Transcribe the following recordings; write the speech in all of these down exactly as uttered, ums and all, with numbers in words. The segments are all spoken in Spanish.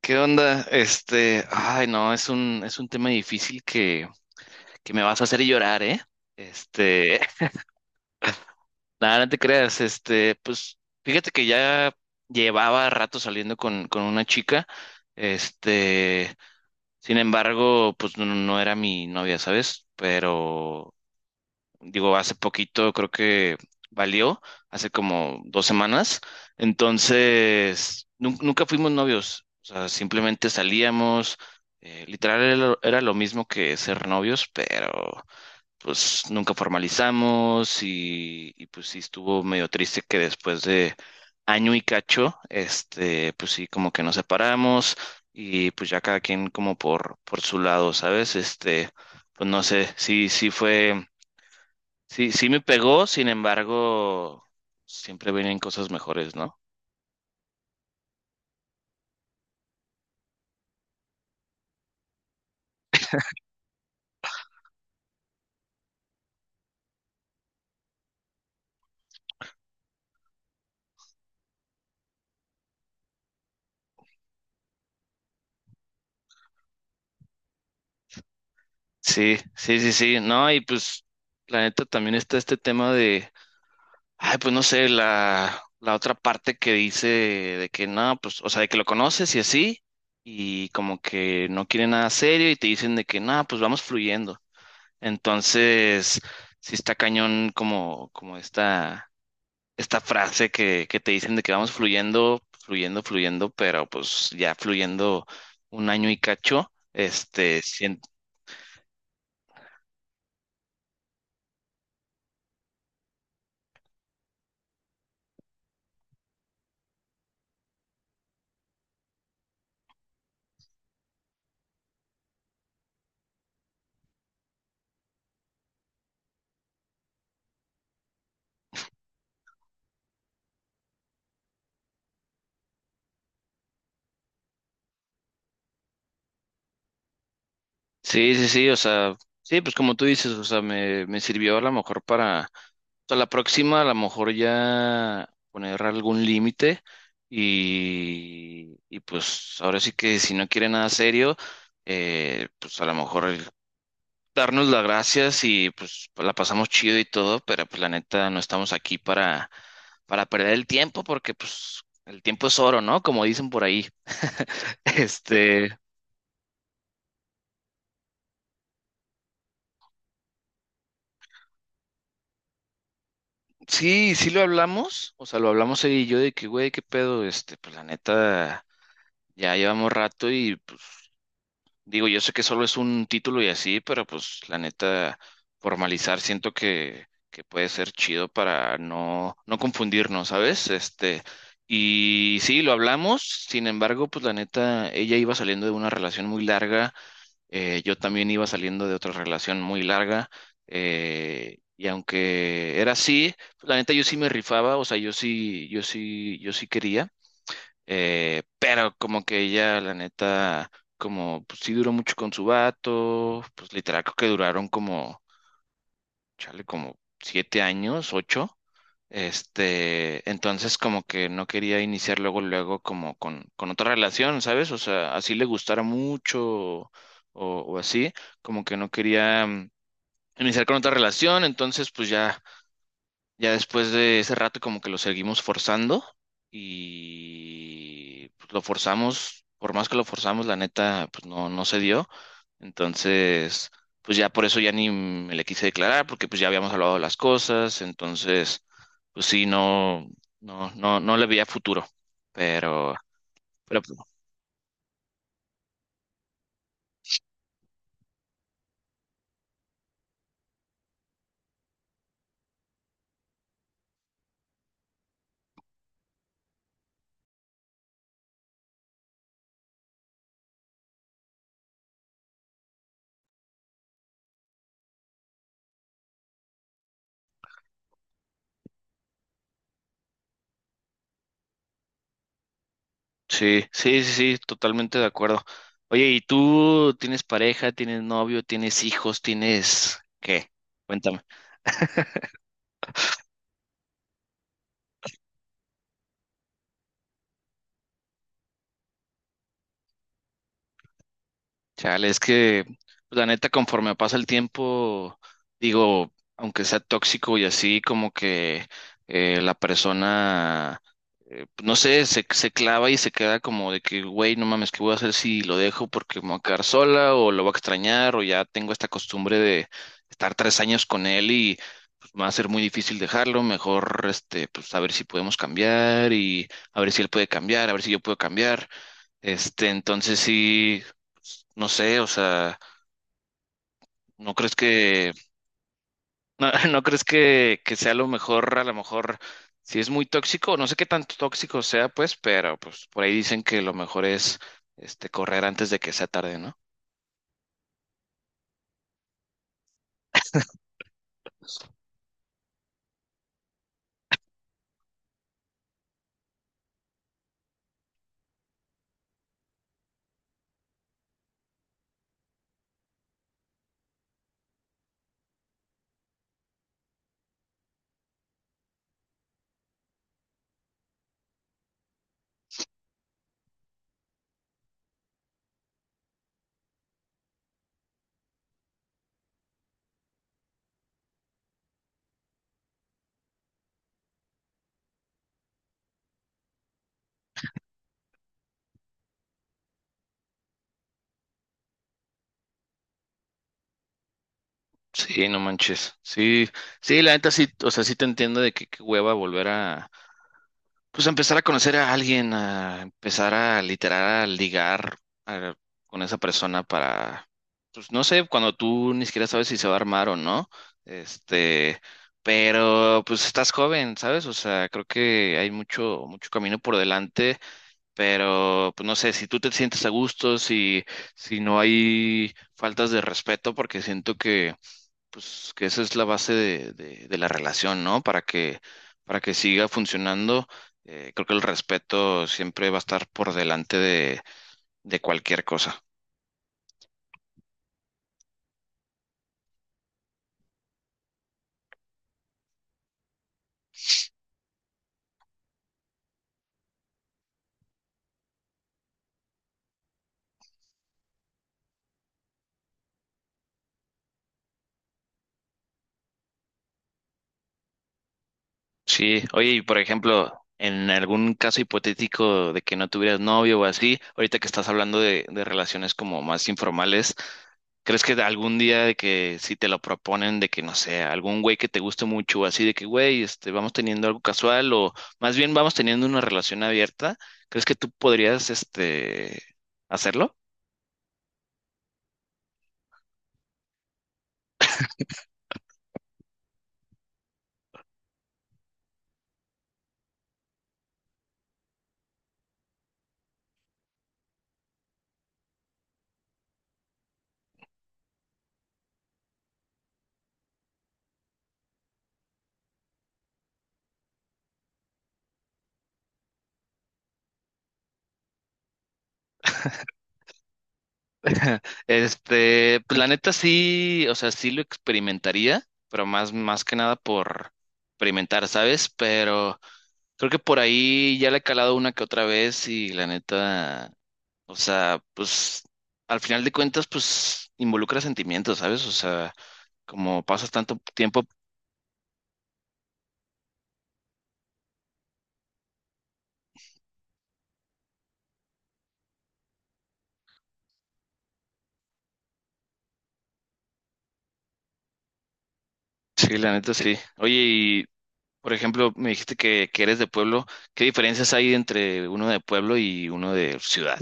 ¿Qué onda? Este, ay, no, es un, es un tema difícil que, que me vas a hacer llorar, ¿eh? Este, Nada, no te creas, este, pues, fíjate que ya llevaba rato saliendo con, con una chica, este, sin embargo, pues no, no era mi novia, ¿sabes? Pero digo, hace poquito creo que valió, hace como dos semanas. Entonces, nun- nunca fuimos novios, o sea, simplemente salíamos, eh, literal era lo, era lo mismo que ser novios, pero pues nunca formalizamos y, y pues sí estuvo medio triste que después de año y cacho, este, pues sí, como que nos separamos y pues ya cada quien como por, por su lado, ¿sabes? Este, pues no sé, sí, sí fue. Sí, sí me pegó, sin embargo, siempre vienen cosas mejores, ¿no? Sí, sí, sí, sí, no, y pues, la neta también está este tema de, ay, pues no sé, la, la otra parte que dice de que no, pues, o sea, de que lo conoces y así, y como que no quiere nada serio y te dicen de que no, pues vamos fluyendo. Entonces, sí está cañón como, como esta esta frase que, que te dicen de que vamos fluyendo, fluyendo, fluyendo, pero pues ya fluyendo un año y cacho, este, sien- sí, sí, sí, o sea, sí, pues como tú dices, o sea, me, me sirvió a lo mejor para, para la próxima, a lo mejor ya poner algún límite y, y pues ahora sí que si no quiere nada serio, eh, pues a lo mejor darnos las gracias y pues pues, la pasamos chido y todo, pero pues la neta no estamos aquí para, para perder el tiempo porque pues el tiempo es oro, ¿no? Como dicen por ahí. Este, sí, sí lo hablamos, o sea, lo hablamos él y yo de que, güey, qué pedo, este, pues la neta ya llevamos rato y pues digo, yo sé que solo es un título y así, pero pues la neta, formalizar siento que, que puede ser chido para no, no confundirnos, ¿sabes? Este, y sí, lo hablamos, sin embargo, pues la neta, ella iba saliendo de una relación muy larga, eh, yo también iba saliendo de otra relación muy larga, eh, y aunque era así, pues, la neta yo sí me rifaba, o sea, yo sí, yo sí, yo sí quería. Eh, pero como que ella, la neta, como pues sí duró mucho con su vato, pues literal creo que duraron como, chale, como siete años, ocho. Este, entonces como que no quería iniciar luego, luego como con, con otra relación, ¿sabes? O sea, así le gustara mucho o, o así, como que no quería mm, iniciar con otra relación, entonces pues ya ya después de ese rato como que lo seguimos forzando y pues, lo forzamos, por más que lo forzamos, la neta pues no, no se dio. Entonces, pues ya por eso ya ni me le quise declarar porque pues ya habíamos hablado de las cosas, entonces pues sí, no, no, no, no le veía futuro, pero, pero pues, sí, sí, sí, sí, totalmente de acuerdo. Oye, ¿y tú tienes pareja, tienes novio, tienes hijos, tienes qué? Cuéntame. Chale, es que pues, la neta, conforme pasa el tiempo, digo, aunque sea tóxico y así, como que eh, la persona, eh, no sé, se, se clava y se queda como de que, güey, no mames, ¿qué voy a hacer si lo dejo porque me voy a quedar sola o lo voy a extrañar o ya tengo esta costumbre de estar tres años con él y pues, va a ser muy difícil dejarlo, mejor, este, pues a ver si podemos cambiar y a ver si él puede cambiar, a ver si yo puedo cambiar. Este, entonces sí, pues, no sé, o sea, ¿no crees que, no, no crees que, que sea lo mejor, a lo mejor, si es muy tóxico, no sé qué tanto tóxico sea, pues, pero pues por ahí dicen que lo mejor es, este, correr antes de que sea tarde, ¿no? Sí, no manches. Sí, sí, la neta sí, o sea, sí te entiendo de que qué hueva volver a, pues a empezar a conocer a alguien, a empezar a literar, a ligar a- con esa persona para, pues no sé, cuando tú ni siquiera sabes si se va a armar o no, este, pero pues estás joven, ¿sabes? O sea, creo que hay mucho, mucho camino por delante, pero pues no sé, si tú te sientes a gusto, si, si no hay faltas de respeto, porque siento que pues que esa es la base de, de- de la relación, ¿no? Para que, para que siga funcionando, eh, creo que el respeto siempre va a estar por delante de, de cualquier cosa. Sí, oye, y por ejemplo, en algún caso hipotético de que no tuvieras novio o así, ahorita que estás hablando de, de relaciones como más informales, ¿crees que algún día de que si te lo proponen de que no sé, algún güey que te guste mucho, así de que güey, este, vamos teniendo algo casual o más bien vamos teniendo una relación abierta, ¿crees que tú podrías este hacerlo? Este, pues la neta sí, o sea, sí lo experimentaría, pero más, más que nada por experimentar, ¿sabes? Pero creo que por ahí ya le he calado una que otra vez y la neta, o sea, pues al final de cuentas, pues involucra sentimientos, ¿sabes? O sea, como pasas tanto tiempo, sí, la neta sí. Oye, y por ejemplo, me dijiste que, que eres de pueblo, ¿qué diferencias hay entre uno de pueblo y uno de ciudad?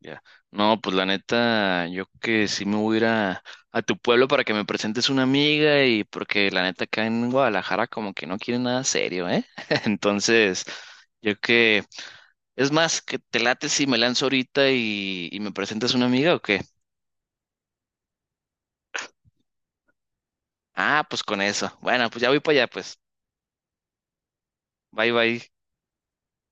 Ya. No, pues la neta, yo que sí me voy a ir a, a tu pueblo para que me presentes una amiga y porque la neta acá en Guadalajara como que no quieren nada serio, ¿eh? Entonces, yo que, es más, que te late si me lanzo ahorita y, y me presentas una amiga o qué. Ah, pues con eso. Bueno, pues ya voy para allá, pues. Bye, bye.